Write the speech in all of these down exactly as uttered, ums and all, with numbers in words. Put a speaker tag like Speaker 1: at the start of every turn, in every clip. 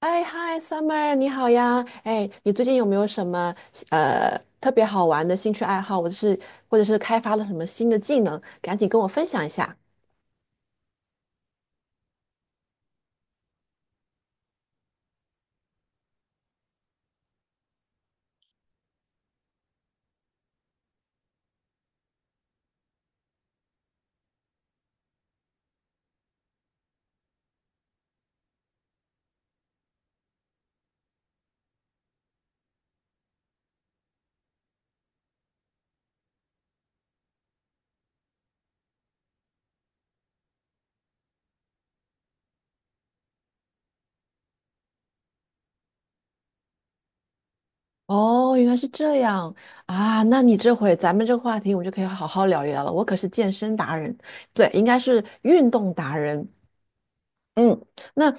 Speaker 1: 哎嗨，Summer，你好呀！哎，你最近有没有什么呃特别好玩的兴趣爱好，或者是或者是开发了什么新的技能？赶紧跟我分享一下。哦，原来是这样啊！那你这回咱们这个话题，我们就可以好好聊一聊了。我可是健身达人，不对，应该是运动达人。嗯，那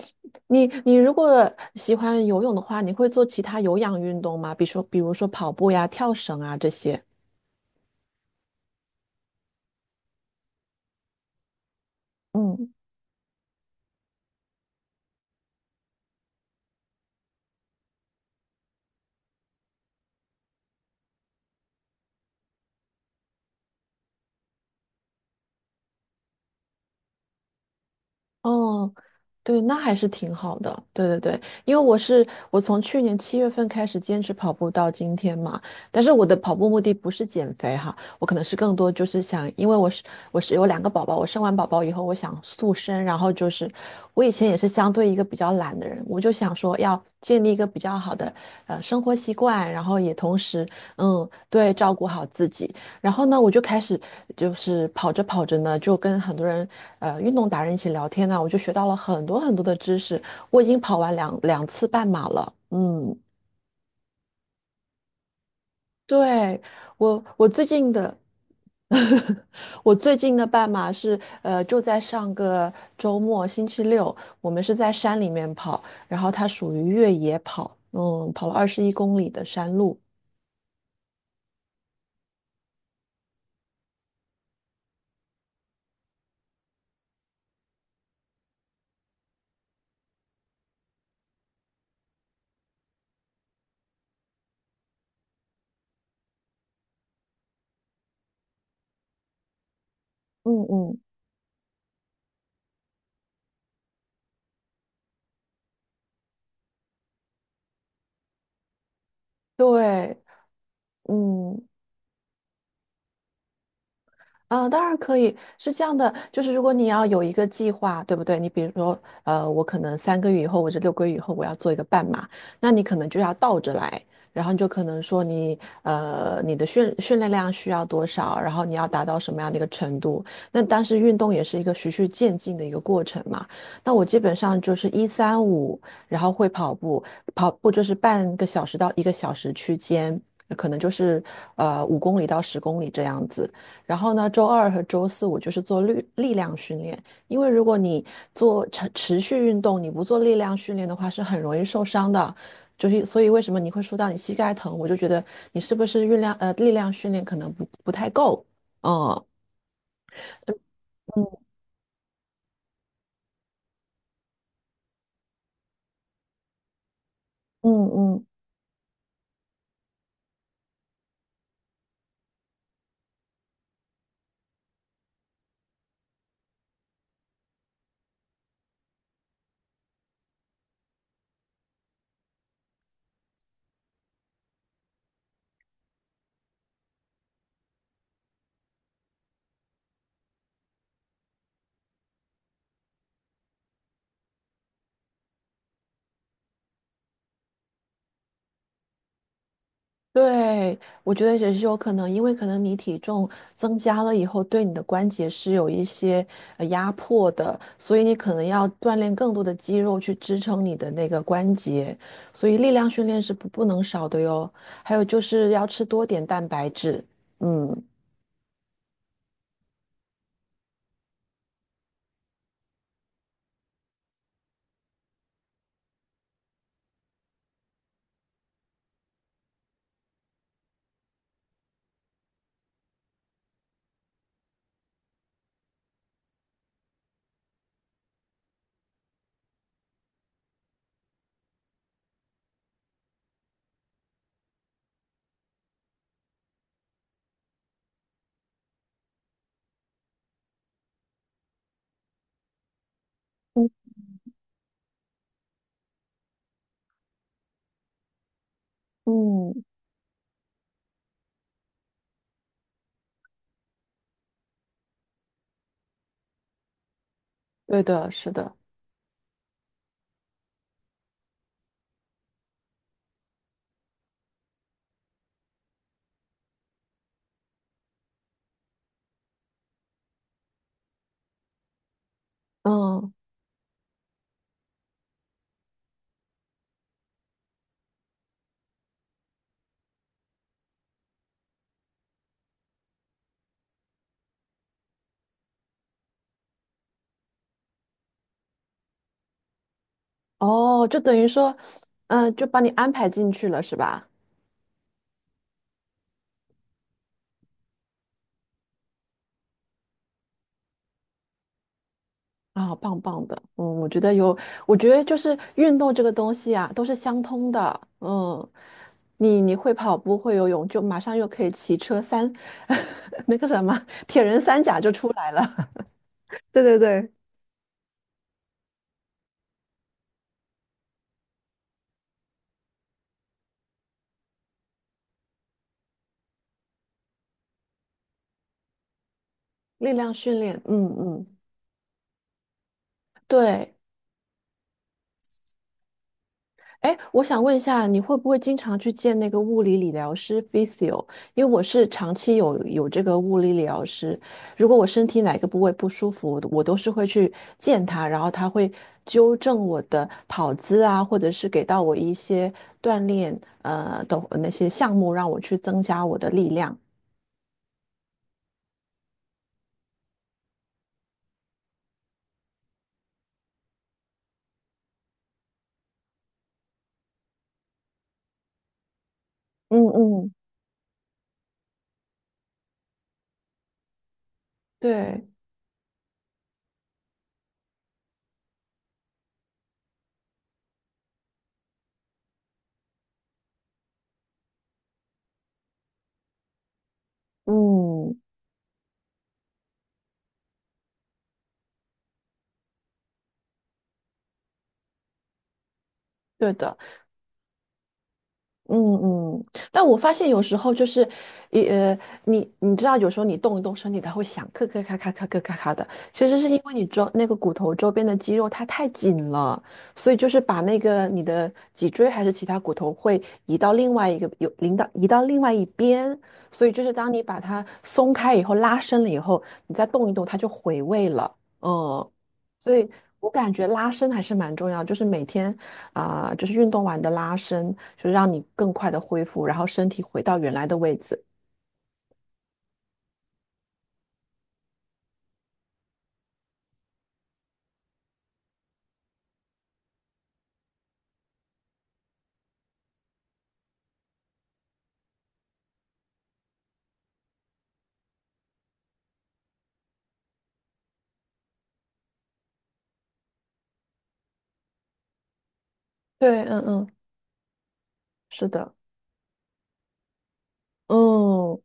Speaker 1: 你你如果喜欢游泳的话，你会做其他有氧运动吗？比如说比如说跑步呀、跳绳啊这些。嗯。哦，对，那还是挺好的。对对对，因为我是我从去年七月份开始坚持跑步到今天嘛，但是我的跑步目的不是减肥哈，我可能是更多就是想，因为我是我是有两个宝宝，我生完宝宝以后我想塑身，然后就是我以前也是相对一个比较懒的人，我就想说要建立一个比较好的呃生活习惯，然后也同时，嗯，对，照顾好自己。然后呢，我就开始就是跑着跑着呢，就跟很多人，呃，运动达人一起聊天呢，我就学到了很多很多的知识。我已经跑完两两次半马了，嗯，对，我我最近的，我最近的半马是，呃，就在上个周末星期六，我们是在山里面跑，然后它属于越野跑，嗯，跑了二十一公里的山路，嗯嗯，对。嗯，呃，当然可以，是这样的，就是如果你要有一个计划，对不对？你比如说，呃，我可能三个月以后或者六个月以后我要做一个半马，那你可能就要倒着来，然后你就可能说你，呃，你的训训练量需要多少，然后你要达到什么样的一个程度。那当时运动也是一个循序渐进的一个过程嘛。那我基本上就是一三五，然后会跑步，跑步就是半个小时到一个小时区间。可能就是呃五公里到十公里这样子，然后呢，周二和周四我就是做力力量训练，因为如果你做持持续运动，你不做力量训练的话，是很容易受伤的。就是所以为什么你会说到你膝盖疼，我就觉得你是不是运量呃力量训练可能不不太够，嗯嗯嗯嗯。对，我觉得也是有可能，因为可能你体重增加了以后，对你的关节是有一些呃压迫的，所以你可能要锻炼更多的肌肉去支撑你的那个关节，所以力量训练是不不能少的哟。还有就是要吃多点蛋白质，嗯，嗯嗯，对的，是的，嗯，哦，就等于说，嗯，就把你安排进去了，是吧？啊，棒棒的，嗯，我觉得有，我觉得就是运动这个东西啊，都是相通的，嗯，你你会跑步会游泳，就马上又可以骑车三，那个什么铁人三甲就出来了，对对对，力量训练，嗯嗯，对，哎，我想问一下，你会不会经常去见那个物理理疗师 physio?因为我是长期有有这个物理理疗师，如果我身体哪个部位不舒服，我都是会去见他，然后他会纠正我的跑姿啊，或者是给到我一些锻炼呃的那些项目，让我去增加我的力量。嗯嗯对，嗯，对的。嗯嗯，但我发现有时候就是，一呃，你你知道，有时候你动一动身体，它会响，咔咔咔咔咔咔咔咔的。其实是因为你周那个骨头周边的肌肉它太紧了，所以就是把那个你的脊椎还是其他骨头会移到另外一个有领到移到另外一边，所以就是当你把它松开以后，拉伸了以后，你再动一动，它就回位了。嗯，所以我感觉拉伸还是蛮重要，就是每天。啊，就是运动完的拉伸，就是让你更快的恢复，然后身体回到原来的位置。对，嗯嗯，是的，嗯，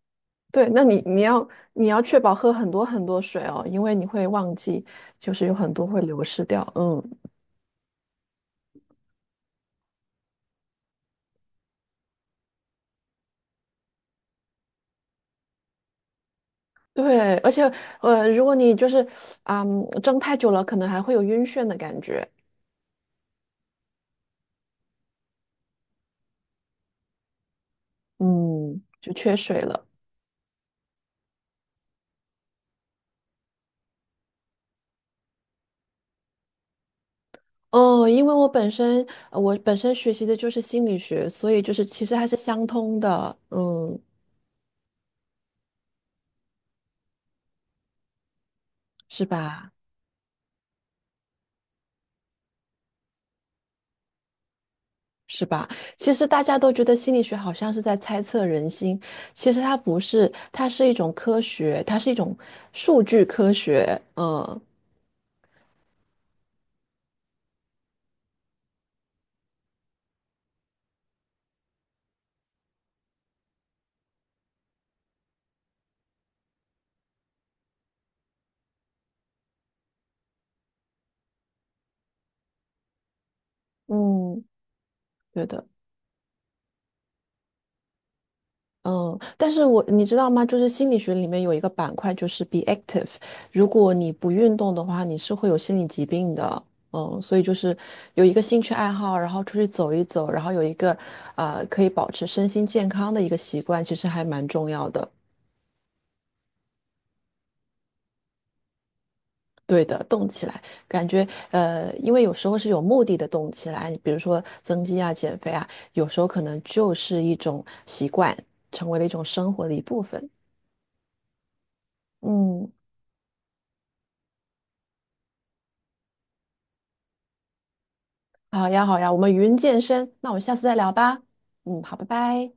Speaker 1: 对，那你你要你要确保喝很多很多水哦，因为你会忘记，就是有很多会流失掉，嗯，对，而且呃，如果你就是啊、嗯蒸太久了，可能还会有晕眩的感觉，嗯，就缺水了。哦，因为我本身呃我本身学习的就是心理学，所以就是其实还是相通的，嗯，是吧？是吧？其实大家都觉得心理学好像是在猜测人心，其实它不是，它是一种科学，它是一种数据科学。嗯嗯，对的。嗯，但是我你知道吗？就是心理学里面有一个板块，就是 be active。如果你不运动的话，你是会有心理疾病的。嗯，所以就是有一个兴趣爱好，然后出去走一走，然后有一个呃可以保持身心健康的一个习惯，其实还蛮重要的。对的，动起来，感觉呃，因为有时候是有目的的动起来，比如说增肌啊、减肥啊，有时候可能就是一种习惯，成为了一种生活的一部分。嗯，好呀，好呀，我们云健身，那我们下次再聊吧。嗯，好，拜拜。